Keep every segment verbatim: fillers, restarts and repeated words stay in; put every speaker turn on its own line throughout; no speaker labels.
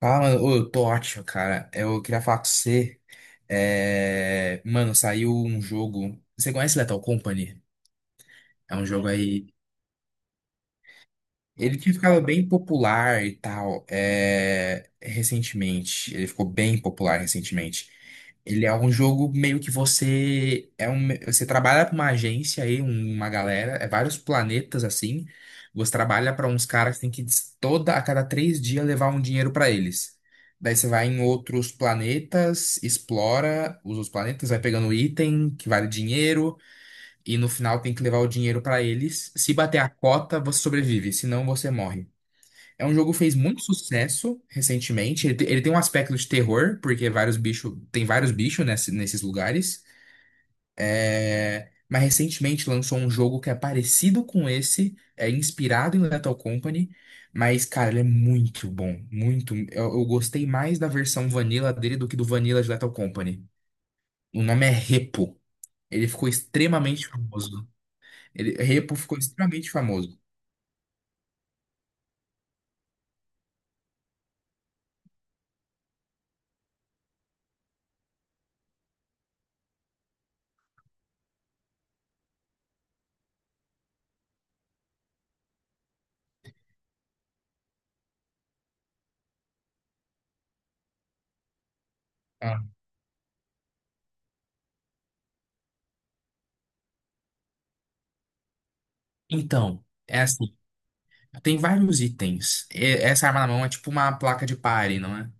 Ah, mano. Ô, eu tô ótimo, cara. Eu queria falar com você. É, mano, saiu um jogo. Você conhece Lethal Company? É um jogo aí. Ele tinha ficado bem popular e tal, é, recentemente. Ele ficou bem popular recentemente. Ele é um jogo meio que você é um, você trabalha para uma agência aí, um- uma galera, é vários planetas assim. Você trabalha para uns caras que tem que des- toda a cada três dias levar um dinheiro para eles. Daí você vai em outros planetas, explora os outros planetas, vai pegando item que vale dinheiro. E no final tem que levar o dinheiro pra eles. Se bater a cota, você sobrevive, senão você morre. É um jogo que fez muito sucesso recentemente. Ele, te- ele tem um aspecto de terror, porque vários bichos, tem vários bichos nesse- nesses lugares. É, mas recentemente lançou um jogo que é parecido com esse, é inspirado em Lethal Company, mas cara, ele é muito bom, muito. Eu, eu gostei mais da versão vanilla dele do que do vanilla de Lethal Company. O nome é Repo. Ele ficou extremamente famoso. Ele, Repo ficou extremamente famoso. Ah. Então, é assim, tem vários itens. E- essa arma na mão é tipo uma placa de pare, não é?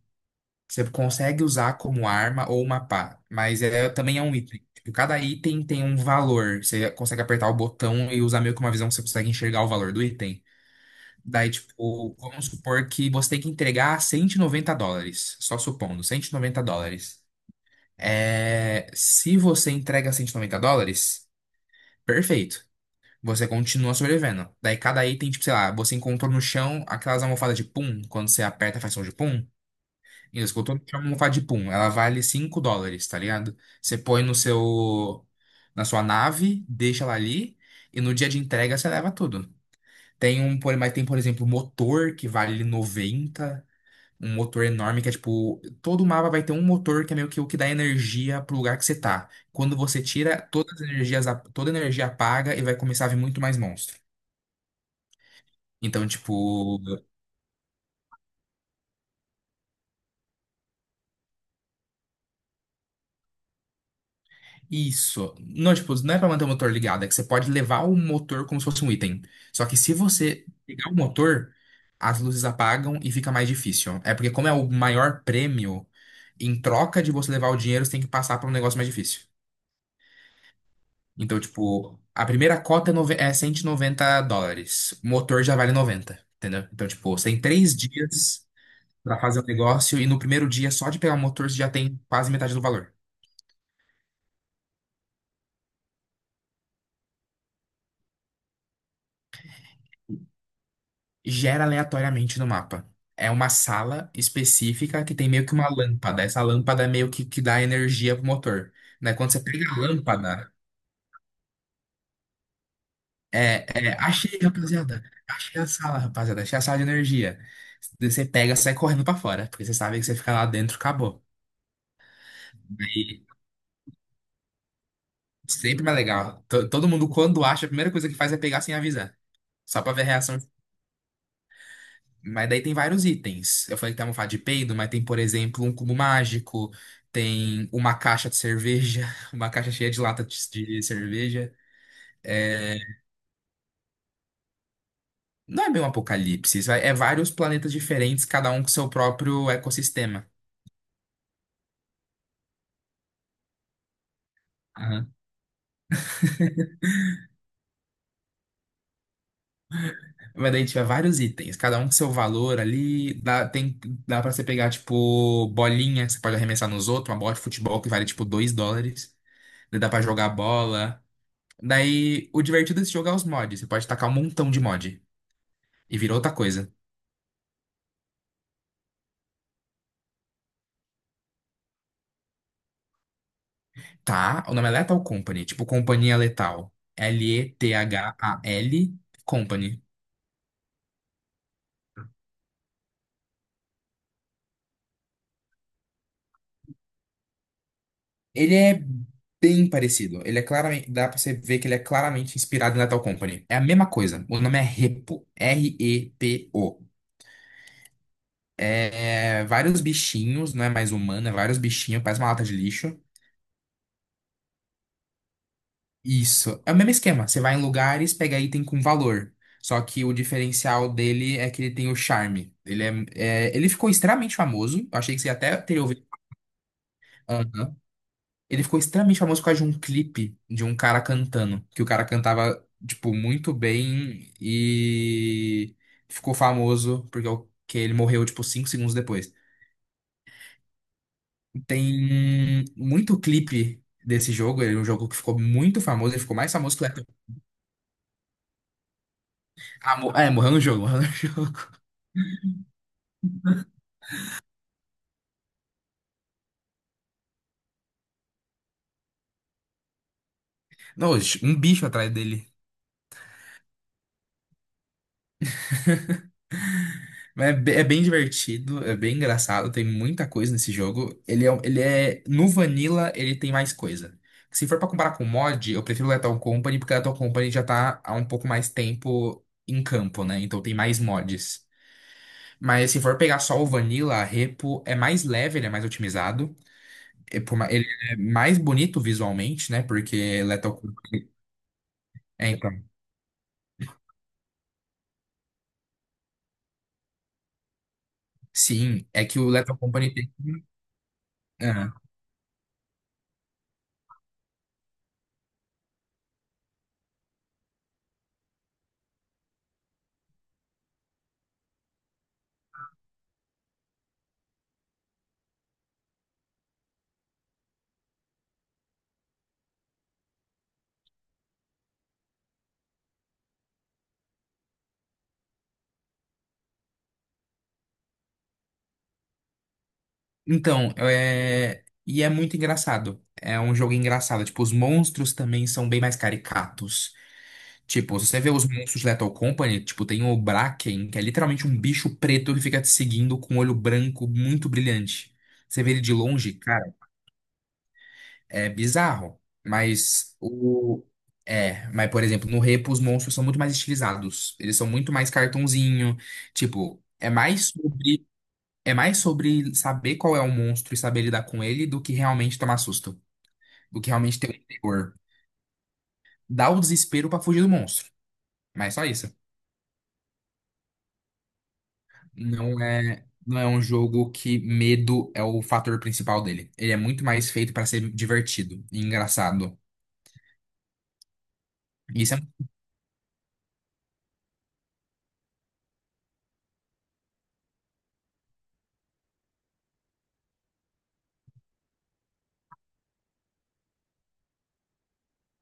Você consegue usar como arma ou uma pá, mas é, também é um item. Tipo, cada item tem um valor. Você consegue apertar o botão e usar meio que uma visão que você consegue enxergar o valor do item. Daí, tipo, vamos supor que você tem que entregar cento e noventa dólares. Só supondo, cento e noventa dólares. É, se você entrega cento e noventa dólares, perfeito. Você continua sobrevivendo. Daí cada item, tipo, sei lá, você encontrou no chão aquelas almofadas de pum, quando você aperta faz som de pum. E você encontrou no chão uma almofada de pum, ela vale cinco dólares, tá ligado? Você põe no seu, na sua nave, deixa ela ali, e no dia de entrega você leva tudo. Tem um, por- mas tem, por exemplo, motor que vale noventa. Um motor enorme que é tipo, todo mapa vai ter um motor que é meio que o que dá energia pro lugar que você tá. Quando você tira, todas as energias, ap- toda a energia apaga e vai começar a vir muito mais monstro. Então, tipo, isso. Não, tipo, não é pra manter o motor ligado, é que você pode levar o motor como se fosse um item. Só que se você pegar o motor, as luzes apagam e fica mais difícil. É porque, como é o maior prêmio, em troca de você levar o dinheiro, você tem que passar pra um negócio mais difícil. Então, tipo, a primeira cota é, nove- é cento e noventa dólares. O motor já vale noventa, entendeu? Então, tipo, você tem três dias pra fazer o negócio e no primeiro dia, só de pegar o motor, você já tem quase metade do valor. Gera aleatoriamente no mapa. É uma sala específica que tem meio que uma lâmpada. Essa lâmpada é meio que, que dá energia pro motor, né? Quando você pega a lâmpada, é, é, achei, rapaziada. Achei a sala, rapaziada. Achei a sala de energia. Você pega, e sai correndo pra fora, porque você sabe que você fica lá dentro, acabou. Aí sempre mais legal. To- Todo mundo, quando acha, a primeira coisa que faz é pegar sem avisar. Só pra ver a reação. Mas daí tem vários itens. Eu falei que tem uma almofada de peido, mas tem, por exemplo, um cubo mágico, tem uma caixa de cerveja, uma caixa cheia de lata de de cerveja. É, não é bem um apocalipse, isso é é vários planetas diferentes, cada um com seu próprio ecossistema. Aham. Mas daí tiver vários itens, cada um com seu valor ali. Dá, tem, dá pra você pegar, tipo, bolinha, que você pode arremessar nos outros, uma bola de futebol que vale, tipo, dois dólares. Daí dá pra jogar bola. Daí, o divertido desse jogo é os mods. Você pode tacar um montão de mod. E virou outra coisa. Tá, o nome é Lethal Company, tipo Companhia Letal. L E T H A L Company. Ele é bem parecido. Ele é claramente, dá pra você ver que ele é claramente inspirado em Lethal Company. É a mesma coisa. O nome é Repo. R E P O. É, vários bichinhos, não é mais humano, é vários bichinhos, parece uma lata de lixo. Isso. É o mesmo esquema. Você vai em lugares, pega item com valor. Só que o diferencial dele é que ele tem o charme. Ele, é, é- ele ficou extremamente famoso. Eu achei que você até teria ouvido. Aham. Ele ficou extremamente famoso por causa de um clipe de um cara cantando. Que o cara cantava, tipo, muito bem e ficou famoso porque é o- que ele morreu, tipo, cinco segundos depois. Tem muito clipe desse jogo. Ele é um jogo que ficou muito famoso. Ele ficou mais famoso que o Lethal. Ah, mo- é, morreu no jogo, morreu no jogo. Nossa, um bicho atrás dele. Mas é be- é bem divertido, é bem engraçado, tem muita coisa nesse jogo. Ele é, um- ele é, no Vanilla, ele tem mais coisa. Se for pra comparar com o mod, eu prefiro o Lethal Company, porque o Lethal Company já tá há um pouco mais tempo em campo, né? Então tem mais mods. Mas se for pegar só o Vanilla, a Repo é mais leve, ele é mais otimizado. É por ma- Ele é mais bonito visualmente, né? Porque Lethal Company... É, então. Sim, é que o Lethal Company tem... Então, é... e é muito engraçado. É um jogo engraçado. Tipo, os monstros também são bem mais caricatos. Tipo, se você vê os monstros de Lethal Company, tipo, tem o Bracken, que é literalmente um bicho preto que fica te seguindo com um olho branco muito brilhante. Você vê ele de longe, cara, é bizarro. Mas o. É, mas por exemplo, no Repo os monstros são muito mais estilizados. Eles são muito mais cartunzinho. Tipo, é mais sobre é mais sobre saber qual é o monstro e saber lidar com ele do que realmente tomar susto. Do que realmente ter um terror. Dá o desespero pra fugir do monstro. Mas só isso. Não é, não é um jogo que medo é o fator principal dele. Ele é muito mais feito pra ser divertido e engraçado. Isso é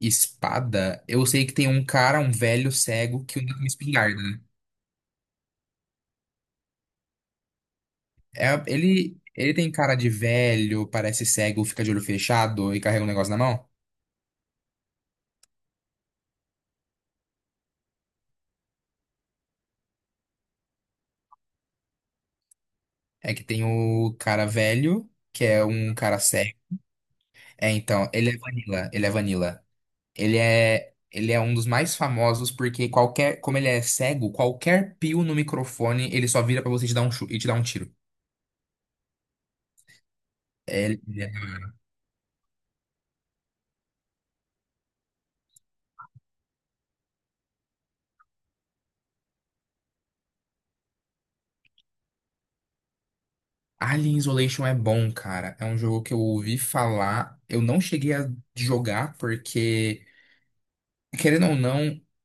espada. Eu sei que tem um cara, um velho cego, que usa uma espingarda, né? É, ele, ele tem cara de velho, parece cego, fica de olho fechado e carrega um negócio na mão. É que tem o cara velho, que é um cara cego. É, então, ele é Vanilla, ele é Vanilla. Ele é, ele é um dos mais famosos porque qualquer, como ele é cego, qualquer pio no microfone, ele só vira pra você e te dar um chu- e te dar um tiro. É, Ele- é- Alien Isolation é bom, cara. É um jogo que eu ouvi falar. Eu não cheguei a jogar porque, querendo ou não,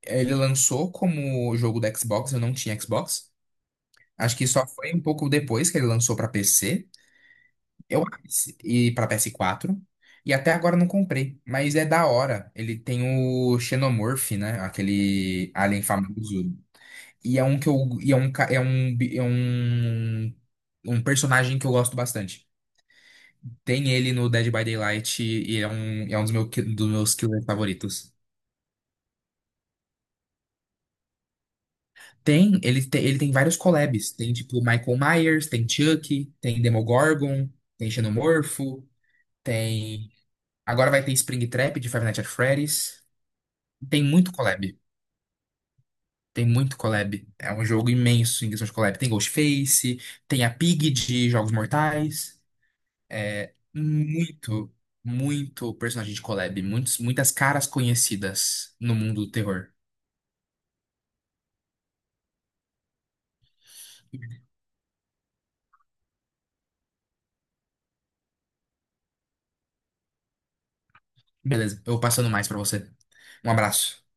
ele lançou como jogo da Xbox, eu não tinha Xbox. Acho que só foi um pouco depois que ele lançou pra P C. Eu E para P S quatro e até agora não comprei, mas é da hora. Ele tem o Xenomorph, né? Aquele alien famoso. E é um que eu e é um ca- é um bi- é um, um personagem que eu gosto bastante. Tem ele no Dead by Daylight e é um, é um dos, meu, dos meus killers favoritos. Tem, ele tem, ele tem vários collabs. Tem tipo Michael Myers, tem Chucky, tem Demogorgon, tem Xenomorfo, tem Agora vai ter Springtrap de Five Nights at Freddy's. Tem muito collab. Tem muito collab. É um jogo imenso em questão de collab. Tem Ghostface, tem a Pig de Jogos Mortais. É muito, muito personagem de collab. Muitos, muitas caras conhecidas no mundo do terror. Beleza, eu vou passando mais pra você. Um abraço.